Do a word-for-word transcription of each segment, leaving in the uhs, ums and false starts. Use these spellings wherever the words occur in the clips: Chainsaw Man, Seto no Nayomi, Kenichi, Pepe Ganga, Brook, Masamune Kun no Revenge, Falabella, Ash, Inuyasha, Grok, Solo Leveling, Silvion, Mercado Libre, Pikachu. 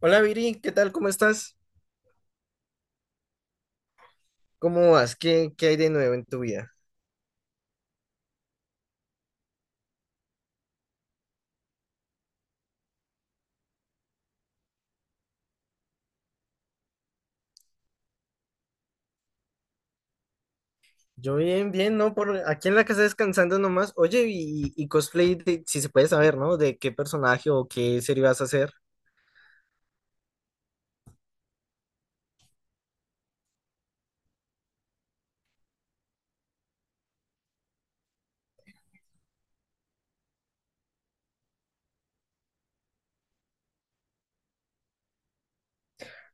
Hola Viri, ¿qué tal? ¿Cómo estás? ¿Cómo vas? ¿Qué, qué hay de nuevo en tu vida? Yo bien, bien, ¿no? Por aquí en la casa descansando nomás. Oye, y, y cosplay, de- si se puede saber, ¿no? ¿De qué personaje o qué serie vas a hacer?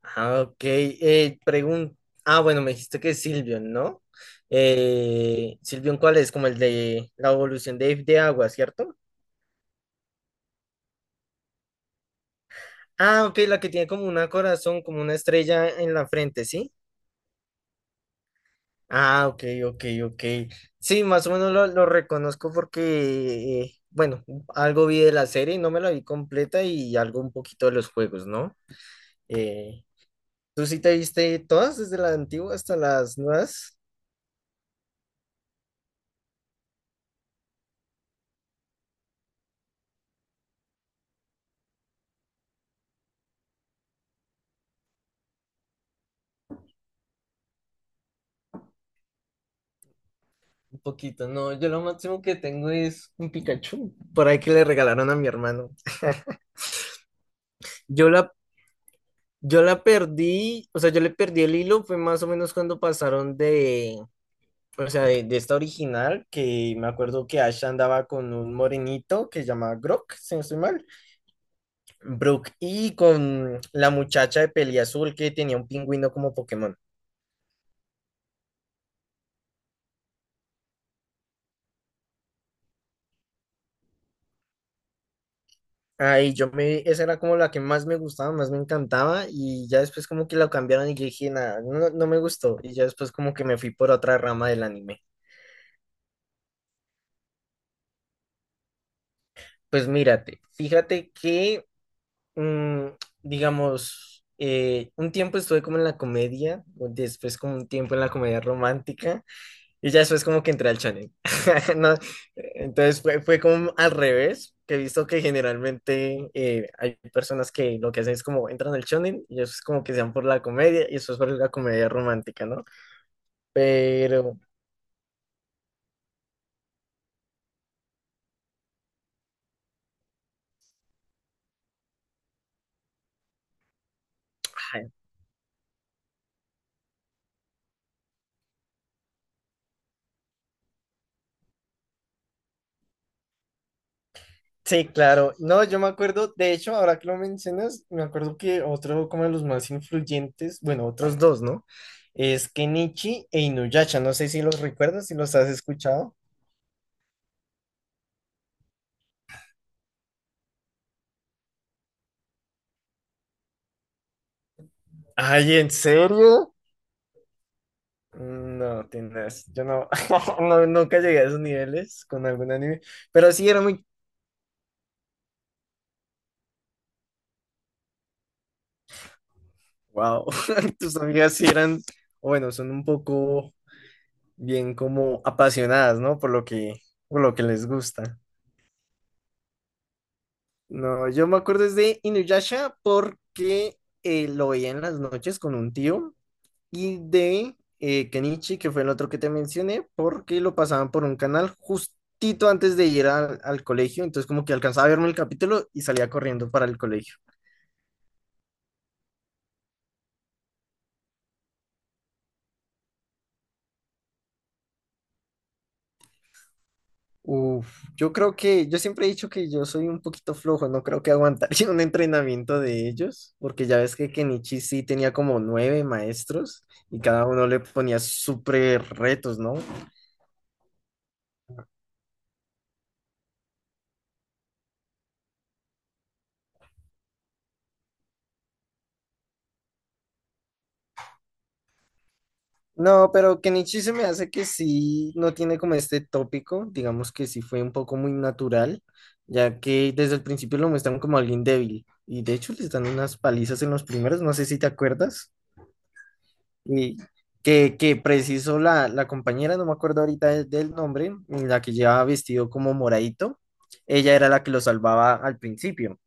Ah, ok. Eh, pregun- Ah, bueno, me dijiste que es Silvion, ¿no? Eh, Silvion, ¿cuál es? Como el de la evolución de, de agua, ¿cierto? Ah, ok, la que tiene como una corazón, como una estrella en la frente, ¿sí? Ah, ok, ok, ok. Sí, más o menos lo, lo reconozco porque, eh, bueno, algo vi de la serie, no me la vi completa y algo un poquito de los juegos, ¿no? Eh, ¿tú sí te viste todas, desde la antigua hasta las nuevas? Un poquito, no, yo lo máximo que tengo es un Pikachu, por ahí que le regalaron a mi hermano. Yo la, yo la perdí, o sea, yo le perdí el hilo, fue más o menos cuando pasaron de. O sea, de, de esta original, que me acuerdo que Ash andaba con un morenito que se llama Grok, si no estoy mal. Brook, y con la muchacha de peli azul que tenía un pingüino como Pokémon. Ahí yo me, esa era como la que más me gustaba, más me encantaba, y ya después como que la cambiaron y yo dije, nada, no, no me gustó, y ya después como que me fui por otra rama del anime. Pues mírate, fíjate que, mm, digamos, eh, un tiempo estuve como en la comedia, después como un tiempo en la comedia romántica, y ya después como que entré al channel. No, entonces fue, fue como al revés, que he visto que generalmente eh, hay personas que lo que hacen es como entran al channel y eso es como que se van por la comedia y eso es por la comedia romántica, ¿no? Pero, ay, sí, claro. No, yo me acuerdo, de hecho, ahora que lo mencionas, me acuerdo que otro como de los más influyentes, bueno, otros dos, ¿no? Es Kenichi e Inuyasha. No sé si los recuerdas, si los has escuchado. Ay, ¿en serio? Mm, No, tienes, yo no, no- nunca llegué a esos niveles con algún anime, pero sí era muy, wow, tus amigas sí eran, o bueno, son un poco bien como apasionadas, ¿no? Por lo que, por lo que les gusta. No, yo me acuerdo es de Inuyasha porque eh, lo veía en las noches con un tío y de eh, Kenichi, que fue el otro que te mencioné, porque lo pasaban por un canal justito antes de ir al, al colegio, entonces como que alcanzaba a verme el capítulo y salía corriendo para el colegio. Uf, yo creo que, yo siempre he dicho que yo soy un poquito flojo, no creo que aguantaría un entrenamiento de ellos, porque ya ves que Kenichi sí tenía como nueve maestros y cada uno le ponía súper retos, ¿no? No, pero Kenichi se me hace que sí, no tiene como este tópico, digamos que sí fue un poco muy natural, ya que desde el principio lo muestran como alguien débil, y de hecho les dan unas palizas en los primeros, no sé si te acuerdas, y que, que preciso la, la compañera, no me acuerdo ahorita de- del nombre, la que llevaba vestido como moradito, ella era la que lo salvaba al principio,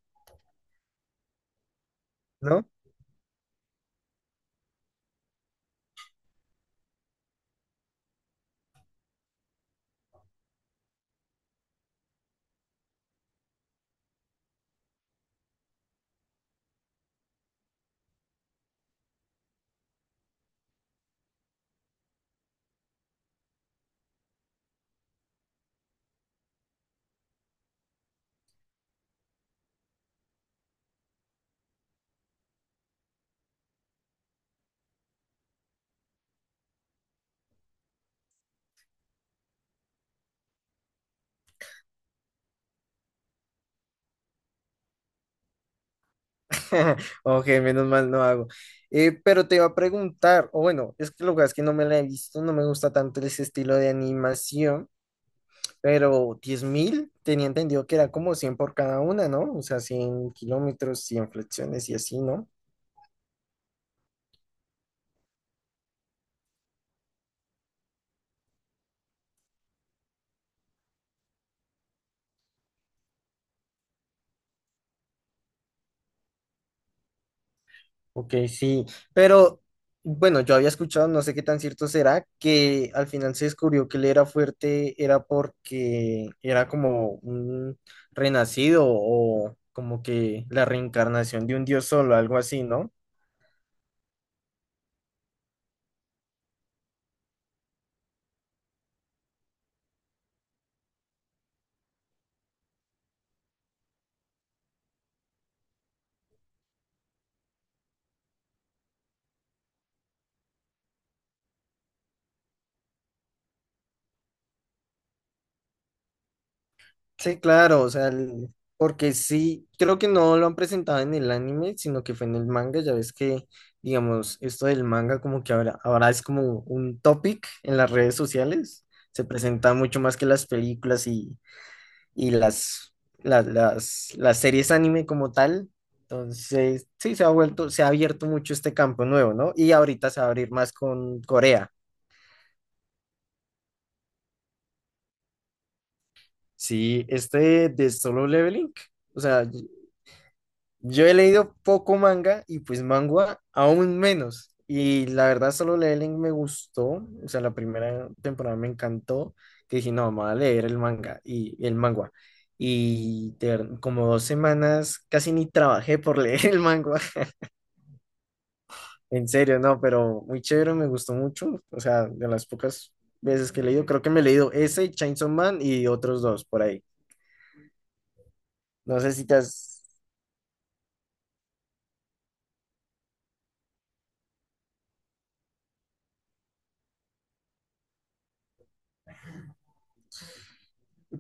¿no? Ok, menos mal no hago. Eh, pero te iba a preguntar, o bueno, es que lo que pasa es que no me la he visto, no me gusta tanto ese estilo de animación, pero diez mil tenía entendido que era como cien por cada una, ¿no? O sea, cien kilómetros, cien flexiones y así, ¿no? Ok, sí, pero bueno, yo había escuchado, no sé qué tan cierto será, que al final se descubrió que él era fuerte, era porque era como un renacido o como que la reencarnación de un dios solo, algo así, ¿no? Sí, claro, o sea, el- porque sí, creo que no lo han presentado en el anime, sino que fue en el manga, ya ves que, digamos, esto del manga como que ahora, ahora es como un topic en las redes sociales, se presenta mucho más que las películas y las, las, las, las series anime como tal. Entonces, sí, se ha vuelto, se ha abierto mucho este campo nuevo, ¿no? Y ahorita se va a abrir más con Corea. Sí, este de Solo Leveling. O sea, y- yo he leído poco manga y pues manga aún menos. Y la verdad, Solo Leveling me gustó. O sea, la primera temporada me encantó. Que dije, no, vamos a leer el manga y el manga. Y de ver- como dos semanas casi ni trabajé por leer el manga. En serio, no, pero muy chévere, me gustó mucho. O sea, de las pocas veces que he leído, creo que me he leído ese, Chainsaw Man y otros dos por ahí. No sé si te has...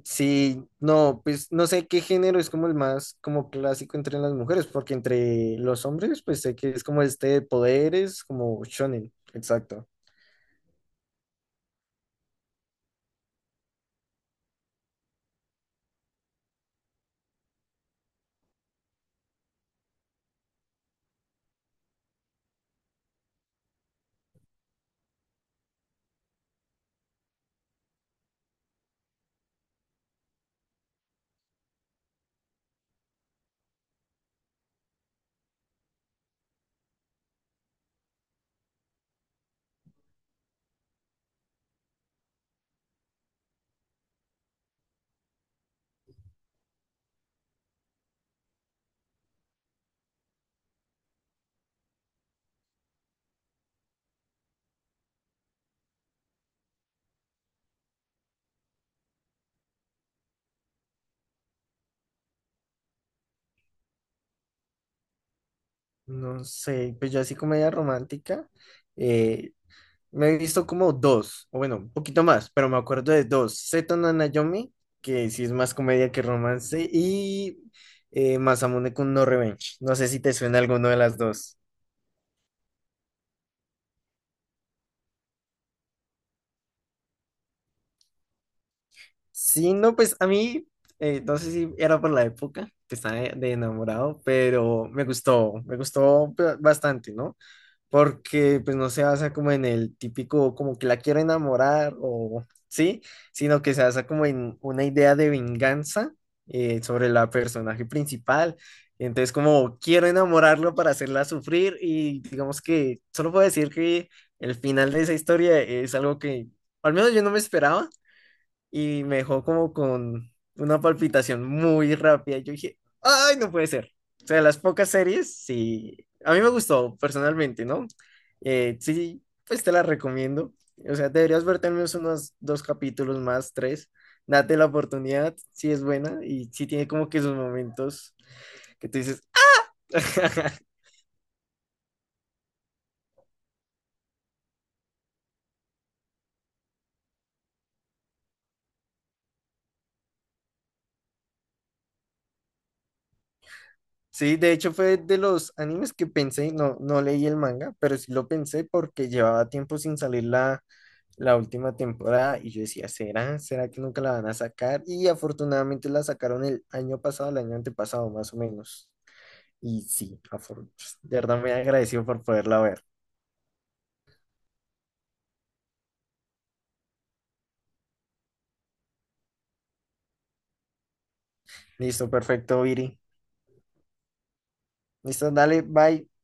Sí, no, pues no sé qué género es como el más como clásico entre las mujeres, porque entre los hombres, pues sé que es como este de poderes, como shonen, exacto. No sé, pues yo así comedia romántica, eh, me he visto como dos, o bueno, un poquito más, pero me acuerdo de dos, Seto no Nayomi, que sí es más comedia que romance, y eh, Masamune Kun no Revenge, no sé si te suena alguno de las dos. Sí, no, pues a mí, eh, no sé si era por la época que estaba de, de enamorado, pero me gustó, me gustó ba- bastante, ¿no? Porque pues no se basa como en el típico, como que la quiero enamorar o sí, sino que se basa como en una idea de venganza eh, sobre la personaje principal. Entonces, como quiero enamorarlo para hacerla sufrir y digamos que solo puedo decir que el final de esa historia es algo que al menos yo no me esperaba y me dejó como con una palpitación muy rápida. Yo dije, ay, no puede ser. O sea, las pocas series, sí, a mí me gustó personalmente, ¿no? Eh, sí, pues te la recomiendo. O sea, deberías verte al menos unos dos capítulos más, tres. Date la oportunidad, si es buena y si tiene como que sus momentos que tú dices. Sí, de hecho fue de los animes que pensé, no, no leí el manga, pero sí lo pensé porque llevaba tiempo sin salir la, la última temporada y yo decía, ¿será? ¿Será que nunca la van a sacar? Y afortunadamente la sacaron el año pasado, el año antepasado más o menos. Y sí, afor- de verdad me agradecido por poderla ver. Listo, perfecto, Viri. Listo, dale, bye.